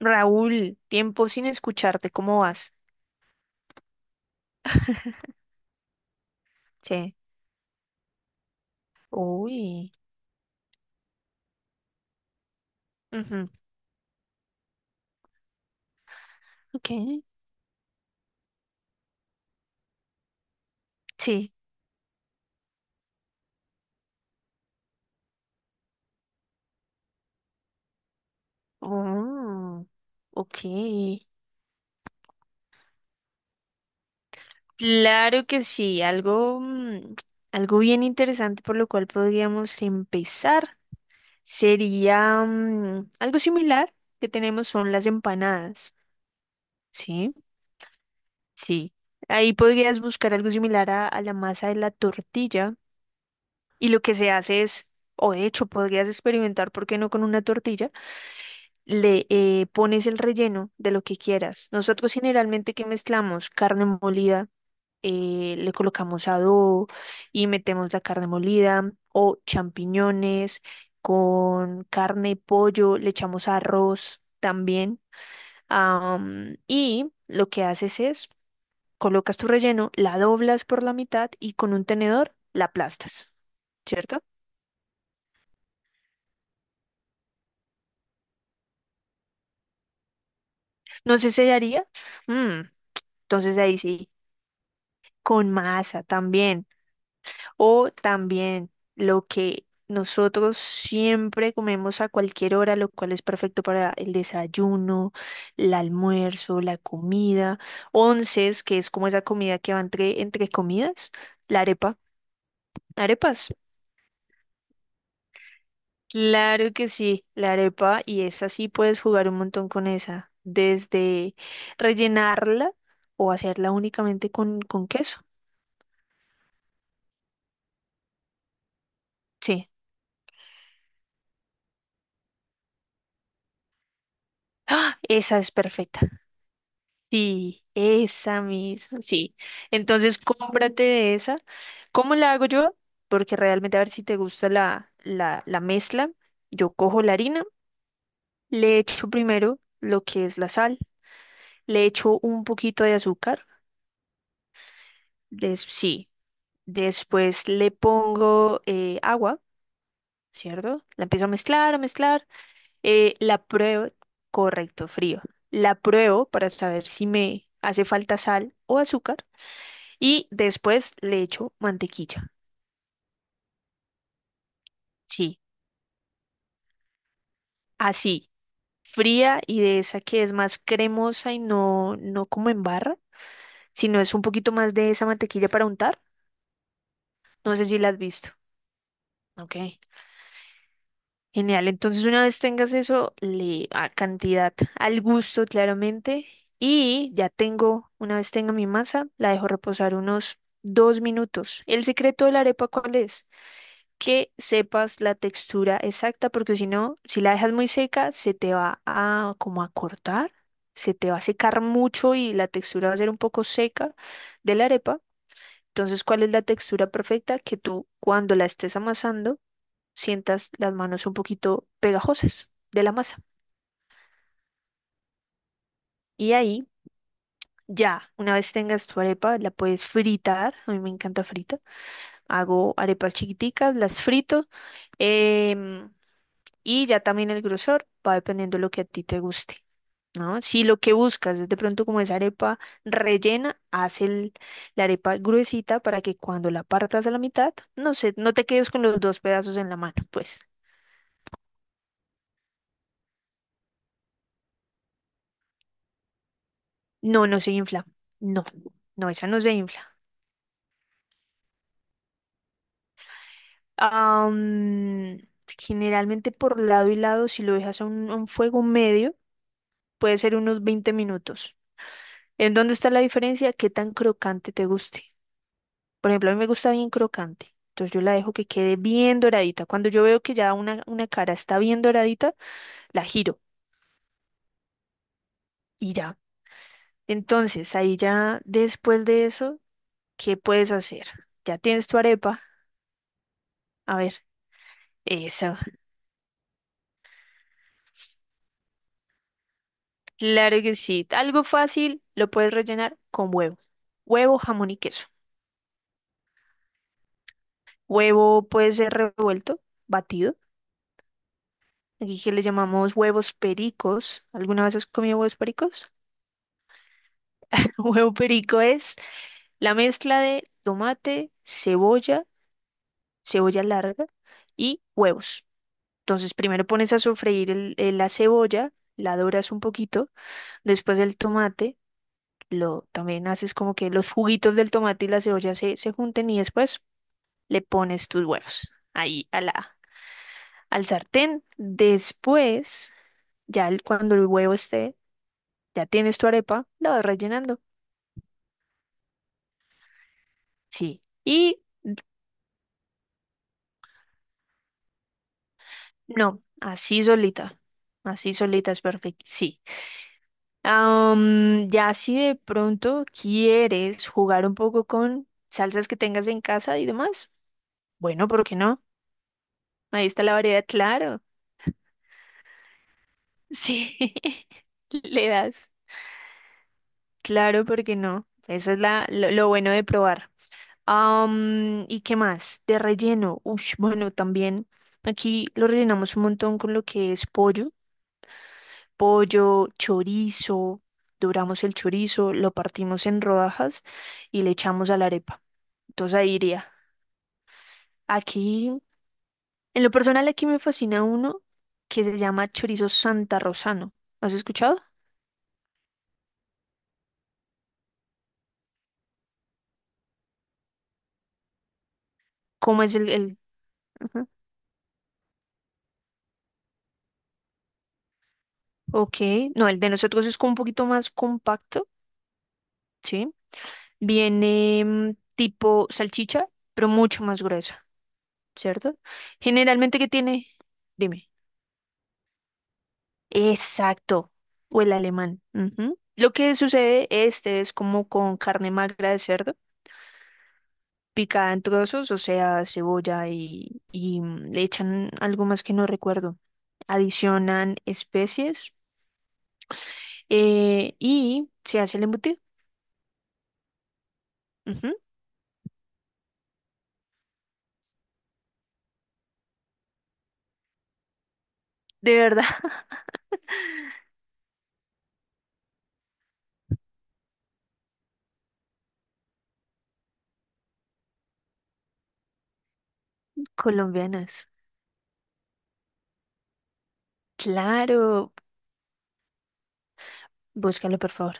Raúl, tiempo sin escucharte, ¿cómo vas? Sí. Uy. Ujú. Ok. Sí. Oh, ok. Claro que sí, algo bien interesante por lo cual podríamos empezar sería algo similar que tenemos son las empanadas. ¿Sí? Sí. Ahí podrías buscar algo similar a la masa de la tortilla. Y lo que se hace es, o de hecho podrías experimentar, ¿por qué no con una tortilla? Le pones el relleno de lo que quieras. Nosotros generalmente que mezclamos carne molida, le colocamos adobo y metemos la carne molida o champiñones con carne, pollo, le echamos arroz también. Y lo que haces es, colocas tu relleno, la doblas por la mitad y con un tenedor la aplastas, ¿cierto? No se sellaría. Mm, entonces ahí sí, con masa también. O también lo que nosotros siempre comemos a cualquier hora, lo cual es perfecto para el desayuno, el almuerzo, la comida. Onces, que es como esa comida que va entre comidas. La arepa. Arepas. Claro que sí, la arepa. Y esa sí puedes jugar un montón con esa. Desde rellenarla o hacerla únicamente con queso. Sí, ¡ah! Esa es perfecta. Sí, esa misma. Sí. Entonces cómprate de esa. ¿Cómo la hago yo? Porque realmente a ver si te gusta la mezcla. Yo cojo la harina, le echo primero lo que es la sal, le echo un poquito de azúcar, sí. Después le pongo agua, ¿cierto? La empiezo a mezclar, a mezclar. La pruebo, correcto, frío. La pruebo para saber si me hace falta sal o azúcar. Y después le echo mantequilla. Sí, así, fría y de esa que es más cremosa y no, no como en barra, sino es un poquito más de esa mantequilla para untar. No sé si la has visto. Ok, genial. Entonces, una vez tengas eso, le a cantidad al gusto, claramente. Y ya tengo, una vez tenga mi masa, la dejo reposar unos 2 minutos. ¿El secreto de la arepa cuál es? Que sepas la textura exacta, porque si no, si la dejas muy seca, se te va a como a cortar, se te va a secar mucho y la textura va a ser un poco seca de la arepa. Entonces, ¿cuál es la textura perfecta? Que tú cuando la estés amasando, sientas las manos un poquito pegajosas de la masa. Y ahí... Ya, una vez tengas tu arepa, la puedes fritar. A mí me encanta frita. Hago arepas chiquiticas, las frito. em, Y ya también el grosor va dependiendo de lo que a ti te guste, ¿no? Si lo que buscas es de pronto como esa arepa rellena, haz la arepa gruesita para que cuando la partas a la mitad, no sé, no te quedes con los dos pedazos en la mano, pues. No, no se infla. No, no, esa no se infla. Am, Generalmente por lado y lado, si lo dejas a un fuego medio, puede ser unos 20 minutos. ¿En dónde está la diferencia? ¿Qué tan crocante te guste? Por ejemplo, a mí me gusta bien crocante. Entonces yo la dejo que quede bien doradita. Cuando yo veo que ya una cara está bien doradita, la giro y ya. Entonces ahí ya después de eso, ¿qué puedes hacer? Ya tienes tu arepa. A ver, esa. Claro que sí. Algo fácil, lo puedes rellenar con huevo. Huevo, jamón y queso. Huevo puede ser revuelto, batido. Aquí que le llamamos huevos pericos. ¿Alguna vez has comido huevos pericos? Huevo perico es la mezcla de tomate, cebolla, cebolla larga y huevos. Entonces, primero pones a sofreír la cebolla, la doras un poquito, después el tomate, lo también haces como que los juguitos del tomate y la cebolla se junten y después le pones tus huevos ahí a al sartén. Después, ya cuando el huevo esté, ya tienes tu arepa, la vas rellenando. Sí. Y no, así solita. Así solita es perfecto. Sí. Ya si de pronto quieres jugar un poco con salsas que tengas en casa y demás, bueno, ¿por qué no? Ahí está la variedad, claro. Sí, le das. Claro, ¿por qué no? Eso es lo bueno de probar. ¿Y qué más? De relleno. Ush, bueno, también aquí lo rellenamos un montón con lo que es pollo. Pollo, chorizo, doramos el chorizo, lo partimos en rodajas y le echamos a la arepa. Entonces ahí iría. Aquí, en lo personal, aquí me fascina uno que se llama chorizo Santa Rosano. ¿Has escuchado? ¿Cómo es el... Ajá. Ok, no, el de nosotros es como un poquito más compacto, ¿sí? Viene tipo salchicha, pero mucho más gruesa, ¿cierto? Generalmente que tiene, dime. Exacto, o el alemán. Ujú. Lo que sucede, este es como con carne magra de cerdo, picada en trozos, o sea, cebolla y le echan algo más que no recuerdo. Adicionan especies y se hace el embutido. Ujú. De verdad, colombianas. Claro, búscalo por favor.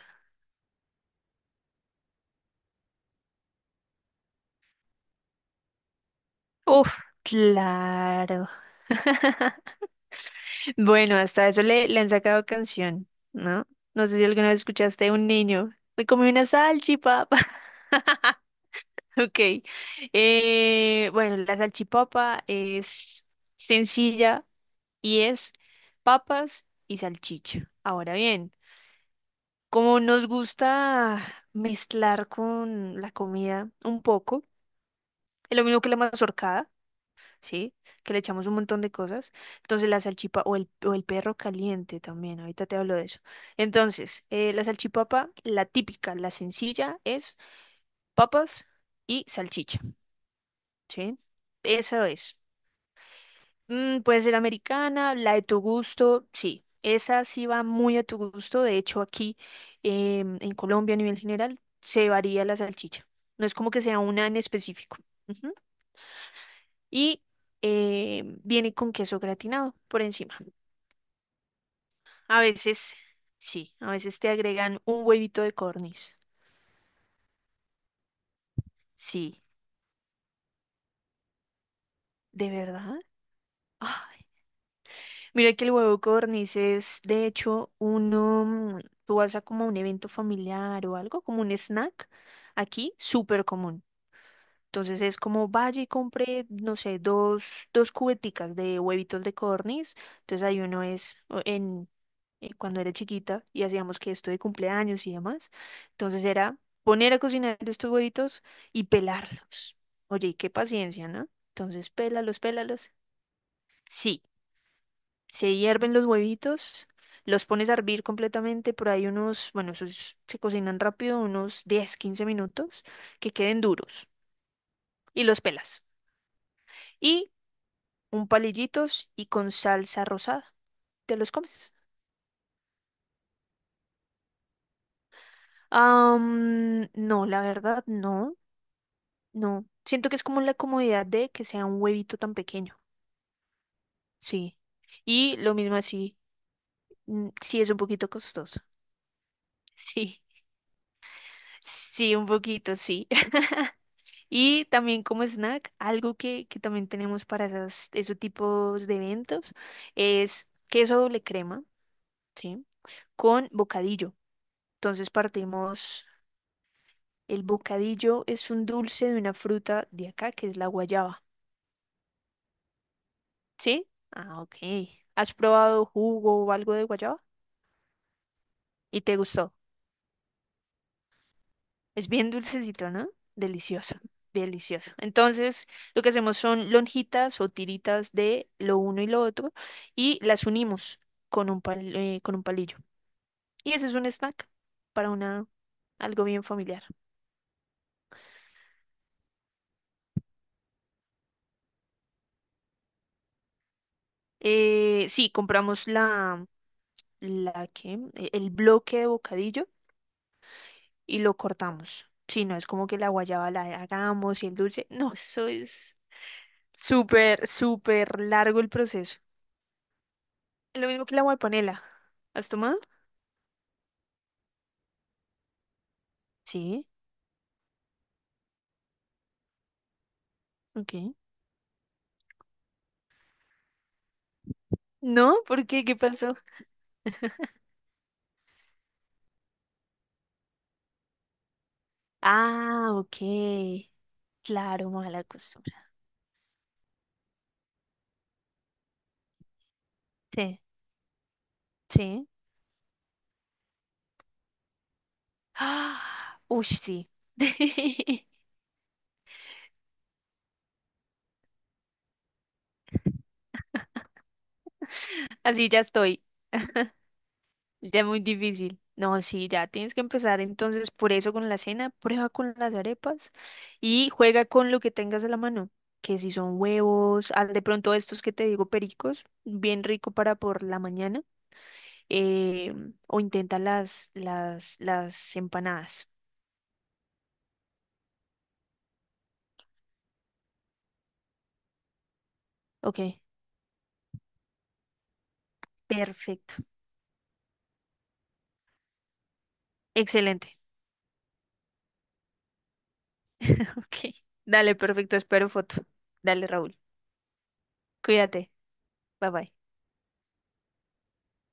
Uf, claro. Bueno, hasta eso le han sacado canción, ¿no? No sé si alguna vez escuchaste un niño. Me comí una salchipapa. Ok. Bueno, la salchipapa es sencilla y es papas y salchicha. Ahora bien, como nos gusta mezclar con la comida un poco, es lo mismo que la mazorcada. ¿Sí? Que le echamos un montón de cosas. Entonces la salchipapa o el perro caliente también, ahorita te hablo de eso. Entonces, la salchipapa, la típica, la sencilla, es papas y salchicha, ¿sí? Eso es. Puede ser americana, la de tu gusto, sí. Esa sí va muy a tu gusto. De hecho, aquí en Colombia a nivel general se varía la salchicha. No es como que sea una en específico. Ujú. Y viene con queso gratinado por encima. A veces, sí, a veces te agregan un huevito de corniz. Sí, ¿de verdad? Ay, mira que el huevo de corniz es, de hecho, uno, tú vas a como un evento familiar o algo, como un snack, aquí, súper común. Entonces es como vaya y compre, no sé, dos cubeticas de huevitos de corniz. Entonces ahí uno es o en cuando era chiquita y hacíamos que esto de cumpleaños y demás. Entonces era poner a cocinar estos huevitos y pelarlos. Oye, y qué paciencia, ¿no? Entonces, pélalos, pélalos. Sí, se hierven los huevitos, los pones a hervir completamente por ahí unos, bueno, esos se cocinan rápido, unos 10 a 15 minutos, que queden duros y los pelas. Y un palillitos y con salsa rosada, te los comes. No, la verdad no. No, siento que es como la comodidad de que sea un huevito tan pequeño. Sí. Y lo mismo así, sí es un poquito costoso. Sí, sí, un poquito, sí. Y también como snack, algo que también tenemos para esos tipos de eventos es queso doble crema, ¿sí? Con bocadillo. Entonces partimos, el bocadillo es un dulce de una fruta de acá, que es la guayaba, ¿sí? Ah, ok. ¿Has probado jugo o algo de guayaba? Y te gustó. Es bien dulcecito, ¿no? Delicioso, delicioso. Entonces, lo que hacemos son lonjitas o tiritas de lo uno y lo otro y las unimos con un con un palillo. Y ese es un snack para una algo bien familiar. Sí, compramos el bloque de bocadillo y lo cortamos. Sí, no es como que la guayaba la hagamos y el dulce. No, eso es súper, súper largo el proceso. Lo mismo que la guapanela. ¿Has tomado? Sí, ok. No, ¿por qué? ¿Qué pasó? Ah, ok. Claro, mala costumbre. Sí, sí. Ah, uy, sí. Así ya estoy. Ya es muy difícil. No, sí, ya tienes que empezar entonces por eso con la cena, prueba con las arepas y juega con lo que tengas a la mano, que si son huevos, ah, de pronto estos que te digo pericos, bien rico para por la mañana. eh, o intenta las empanadas. Ok, perfecto. Excelente. Ok, dale, perfecto. Espero foto. Dale, Raúl. Cuídate. Bye bye.